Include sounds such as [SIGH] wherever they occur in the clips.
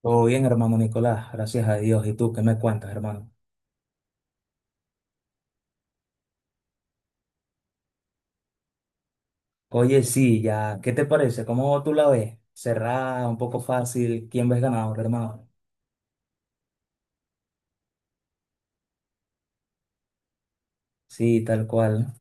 Todo bien, hermano Nicolás, gracias a Dios. ¿Y tú qué me cuentas, hermano? Oye, sí, ya, ¿qué te parece? ¿Cómo tú la ves? Cerrada, un poco fácil. ¿Quién ves ganador, hermano? Sí, tal cual.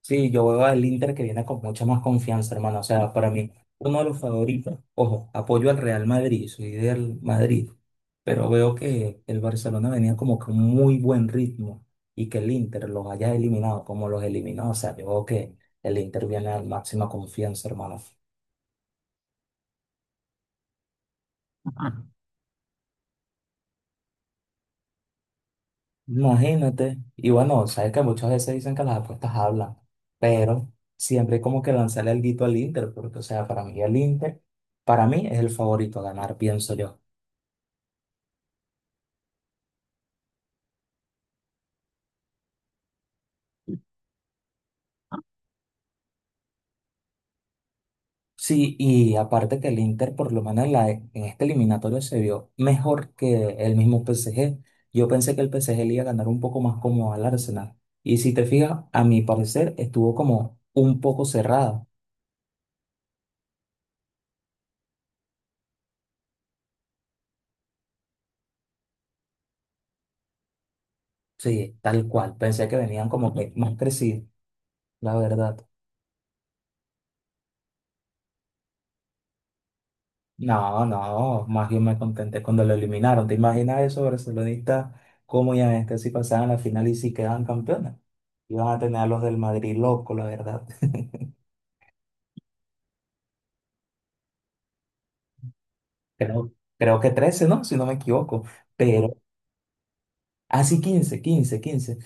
Sí, yo veo al Inter que viene con mucha más confianza, hermano. O sea, para mí, uno de los favoritos. Ojo, apoyo al Real Madrid, soy del Madrid. Pero veo que el Barcelona venía como con muy buen ritmo y que el Inter los haya eliminado como los eliminó. O sea, yo veo que el Inter viene a la máxima confianza, hermano. Imagínate. Y bueno, sabes que muchas veces dicen que las apuestas hablan, pero siempre hay como que lanzarle el guito al Inter, porque, o sea, para mí el Inter, para mí es el favorito a ganar, pienso yo. Sí, y aparte que el Inter, por lo menos en este eliminatorio, se vio mejor que el mismo PSG. Yo pensé que el PSG le iba a ganar un poco más como al Arsenal. Y si te fijas, a mi parecer, estuvo como un poco cerrada. Sí, tal cual. Pensé que venían como que más crecidos, la verdad. No, no, más bien me contenté cuando lo eliminaron. ¿Te imaginas eso, barcelonistas, cómo ya este si pasaban la final y si quedaban campeones? Iban a tener a los del Madrid loco, la verdad. [LAUGHS] Creo, creo que trece, ¿no? Si no me equivoco. Pero, así 15 15 quince.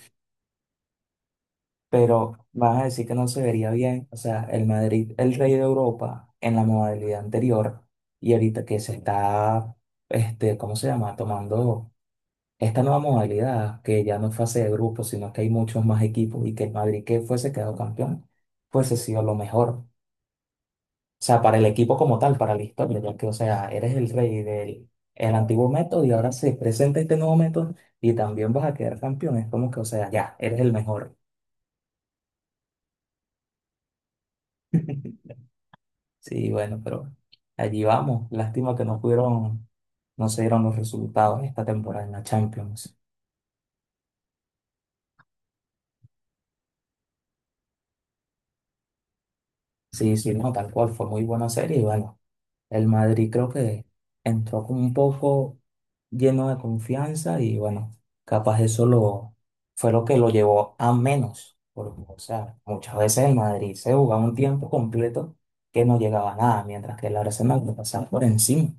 Pero vas a decir que no se vería bien. O sea, el Madrid, el rey de Europa en la modalidad anterior y ahorita que se está, este, ¿cómo se llama? Tomando esta nueva modalidad, que ya no es fase de grupo, sino que hay muchos más equipos y que el Madrid que fuese quedado campeón, fuese sido lo mejor. O sea, para el equipo como tal, para la historia, ya que, o sea, eres el rey del el antiguo método y ahora se presenta este nuevo método y también vas a quedar campeón. Es como que, o sea, ya, eres el mejor. Sí, bueno, pero allí vamos. Lástima que no pudieron, no se dieron los resultados esta temporada en la Champions. Sí, sí, no, tal cual, fue muy buena serie y bueno. El Madrid creo que entró como un poco lleno de confianza y bueno, capaz eso lo, fue lo que lo llevó a menos. Porque, o sea, muchas veces el Madrid se jugaba un tiempo completo que no llegaba a nada, mientras que el Arsenal lo pasaba por encima.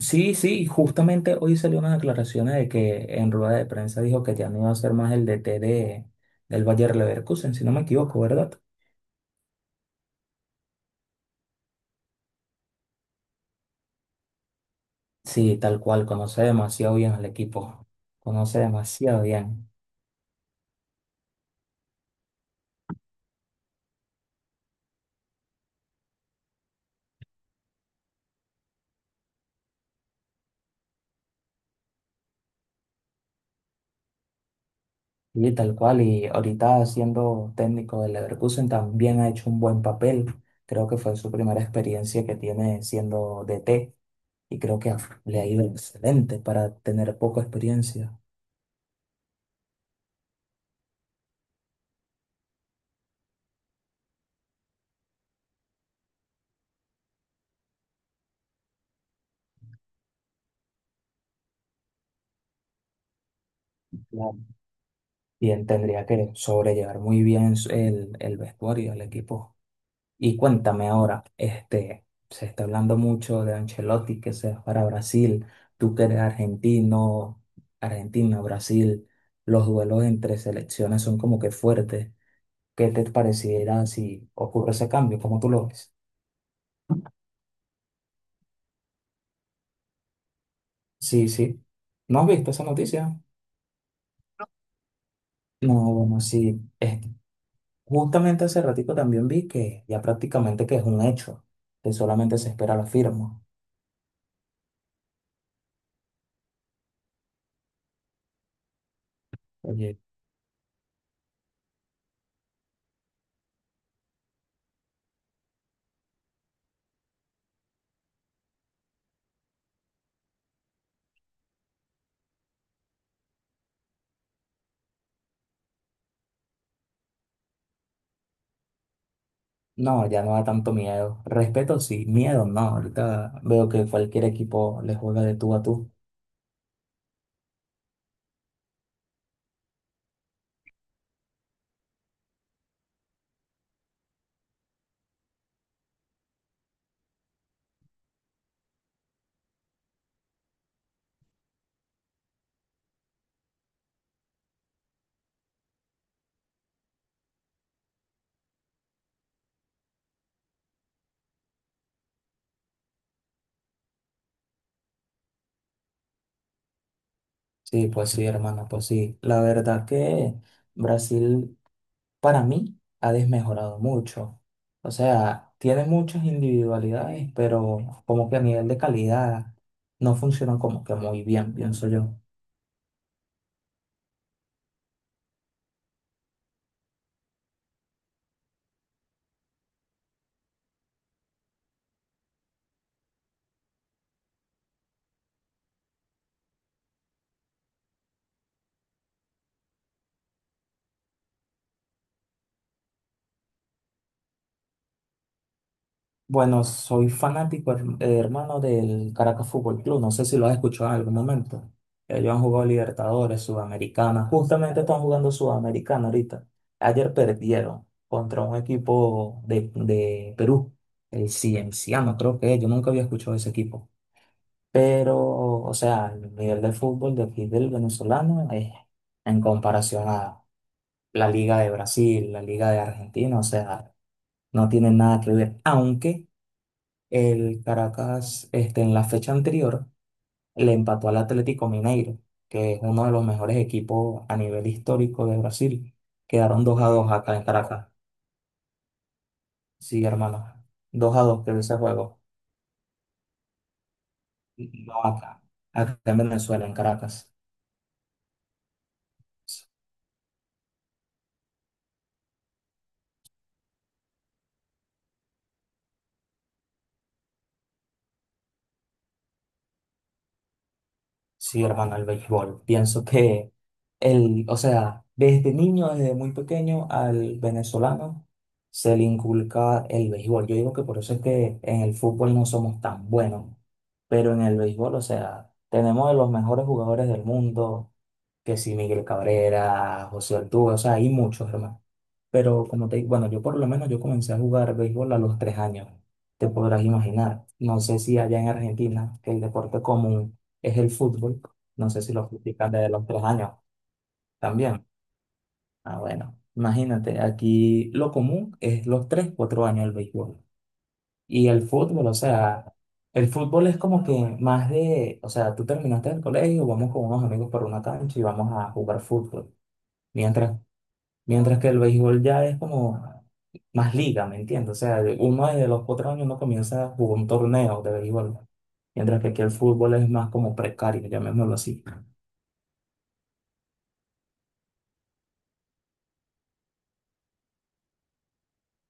Sí, sí, justamente hoy salió unas declaraciones de que en rueda de prensa dijo que ya no iba a ser más el DT del Bayer Leverkusen, si no me equivoco, ¿verdad? Sí, tal cual, conoce demasiado bien al equipo, conoce demasiado bien. Y tal cual, y ahorita siendo técnico del Leverkusen también ha hecho un buen papel. Creo que fue su primera experiencia que tiene siendo DT y creo que le ha ido excelente para tener poca experiencia. Claro. Y él tendría que sobrellevar muy bien el vestuario, el equipo. Y cuéntame ahora, este, se está hablando mucho de Ancelotti que se va para Brasil, tú que eres argentino, Argentina, Brasil, los duelos entre selecciones son como que fuertes. ¿Qué te pareciera si ocurre ese cambio? ¿Cómo tú lo ves? Sí, sí. ¿No has visto esa noticia? No, bueno, sí. Justamente hace ratico también vi que ya prácticamente que es un hecho, que solamente se espera la firma. Oye. No, ya no da tanto miedo. Respeto sí, miedo no. Ahorita veo que cualquier equipo le juega de tú a tú. Sí, pues sí, hermano, pues sí. La verdad que Brasil para mí ha desmejorado mucho. O sea, tiene muchas individualidades, pero como que a nivel de calidad no funciona como que muy bien, pienso yo. Bueno, soy fanático, hermano, del Caracas Fútbol Club. No sé si lo has escuchado en algún momento. Ellos han jugado Libertadores, Sudamericana. Justamente están jugando Sudamericana ahorita. Ayer perdieron contra un equipo de Perú, el Cienciano, creo que es. Yo nunca había escuchado ese equipo. Pero, o sea, el nivel de fútbol de aquí del venezolano es en comparación a la Liga de Brasil, la Liga de Argentina, o sea, no tienen nada que ver. Aunque el Caracas, este, en la fecha anterior, le empató al Atlético Mineiro, que es uno de los mejores equipos a nivel histórico de Brasil. Quedaron 2 a 2 acá en Caracas. Sí, hermano. Dos a 2 quedó ese juego. No, acá. Acá en Venezuela, en Caracas. Sí, hermano, el béisbol. Pienso que el, o sea, desde niño, desde muy pequeño, al venezolano se le inculca el béisbol. Yo digo que por eso es que en el fútbol no somos tan buenos, pero en el béisbol, o sea, tenemos de los mejores jugadores del mundo, que si Miguel Cabrera, José Altuve, o sea, hay muchos, hermano. Pero como te digo, bueno, yo por lo menos yo comencé a jugar béisbol a los tres años, te podrás imaginar. No sé si allá en Argentina, que el deporte común es el fútbol. No sé si lo practican desde los tres años también. Ah, bueno, imagínate, aquí lo común es los tres, cuatro años el béisbol. Y el fútbol, o sea, el fútbol es como que más de, o sea, tú terminaste el colegio, vamos con unos amigos por una cancha y vamos a jugar fútbol. Mientras, mientras que el béisbol ya es como más liga, ¿me entiendes? O sea, uno desde los cuatro años uno comienza a jugar un torneo de béisbol. Mientras que aquí el fútbol es más como precario, llamémoslo así.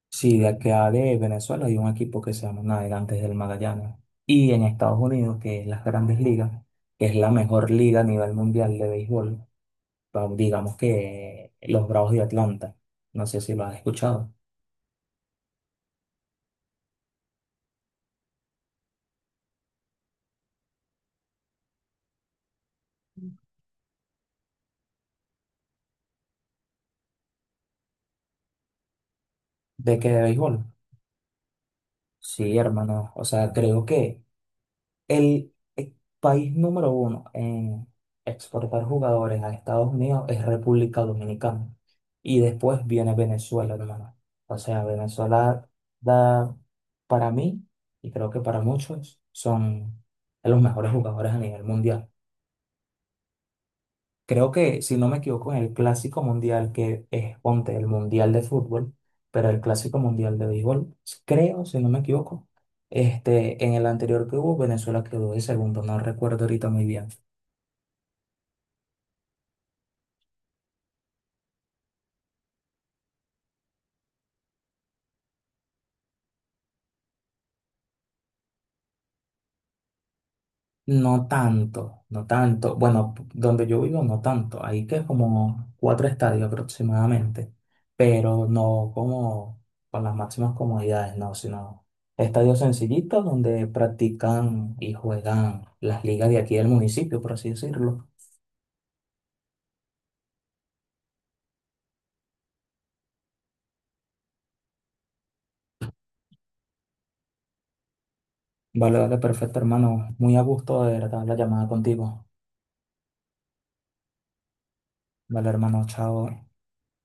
Sí, de acá de Venezuela hay un equipo que se llama Navegantes del Magallanes. Y en Estados Unidos, que es las Grandes Ligas, que es la mejor liga a nivel mundial de béisbol, digamos que los Bravos de Atlanta. No sé si lo has escuchado. ¿De qué, de béisbol? Sí, hermano. O sea, creo que El país número uno en exportar jugadores a Estados Unidos es República Dominicana. Y después viene Venezuela, hermano. O sea, Venezuela da, para mí, y creo que para muchos, son de los mejores jugadores a nivel mundial. Creo que, si no me equivoco, en el Clásico Mundial, que es, ponte, el Mundial de fútbol, pero el Clásico Mundial de béisbol, creo, si no me equivoco, este, en el anterior que hubo, Venezuela quedó de segundo, no recuerdo ahorita muy bien. No tanto, no tanto. Bueno, donde yo vivo no tanto. Ahí que es como cuatro estadios aproximadamente, pero no como con las máximas comodidades, no, sino estadios sencillitos donde practican y juegan las ligas de aquí del municipio, por así decirlo. Vale, vale, perfecto, hermano. Muy a gusto de verdad la llamada contigo. Vale, hermano, chao.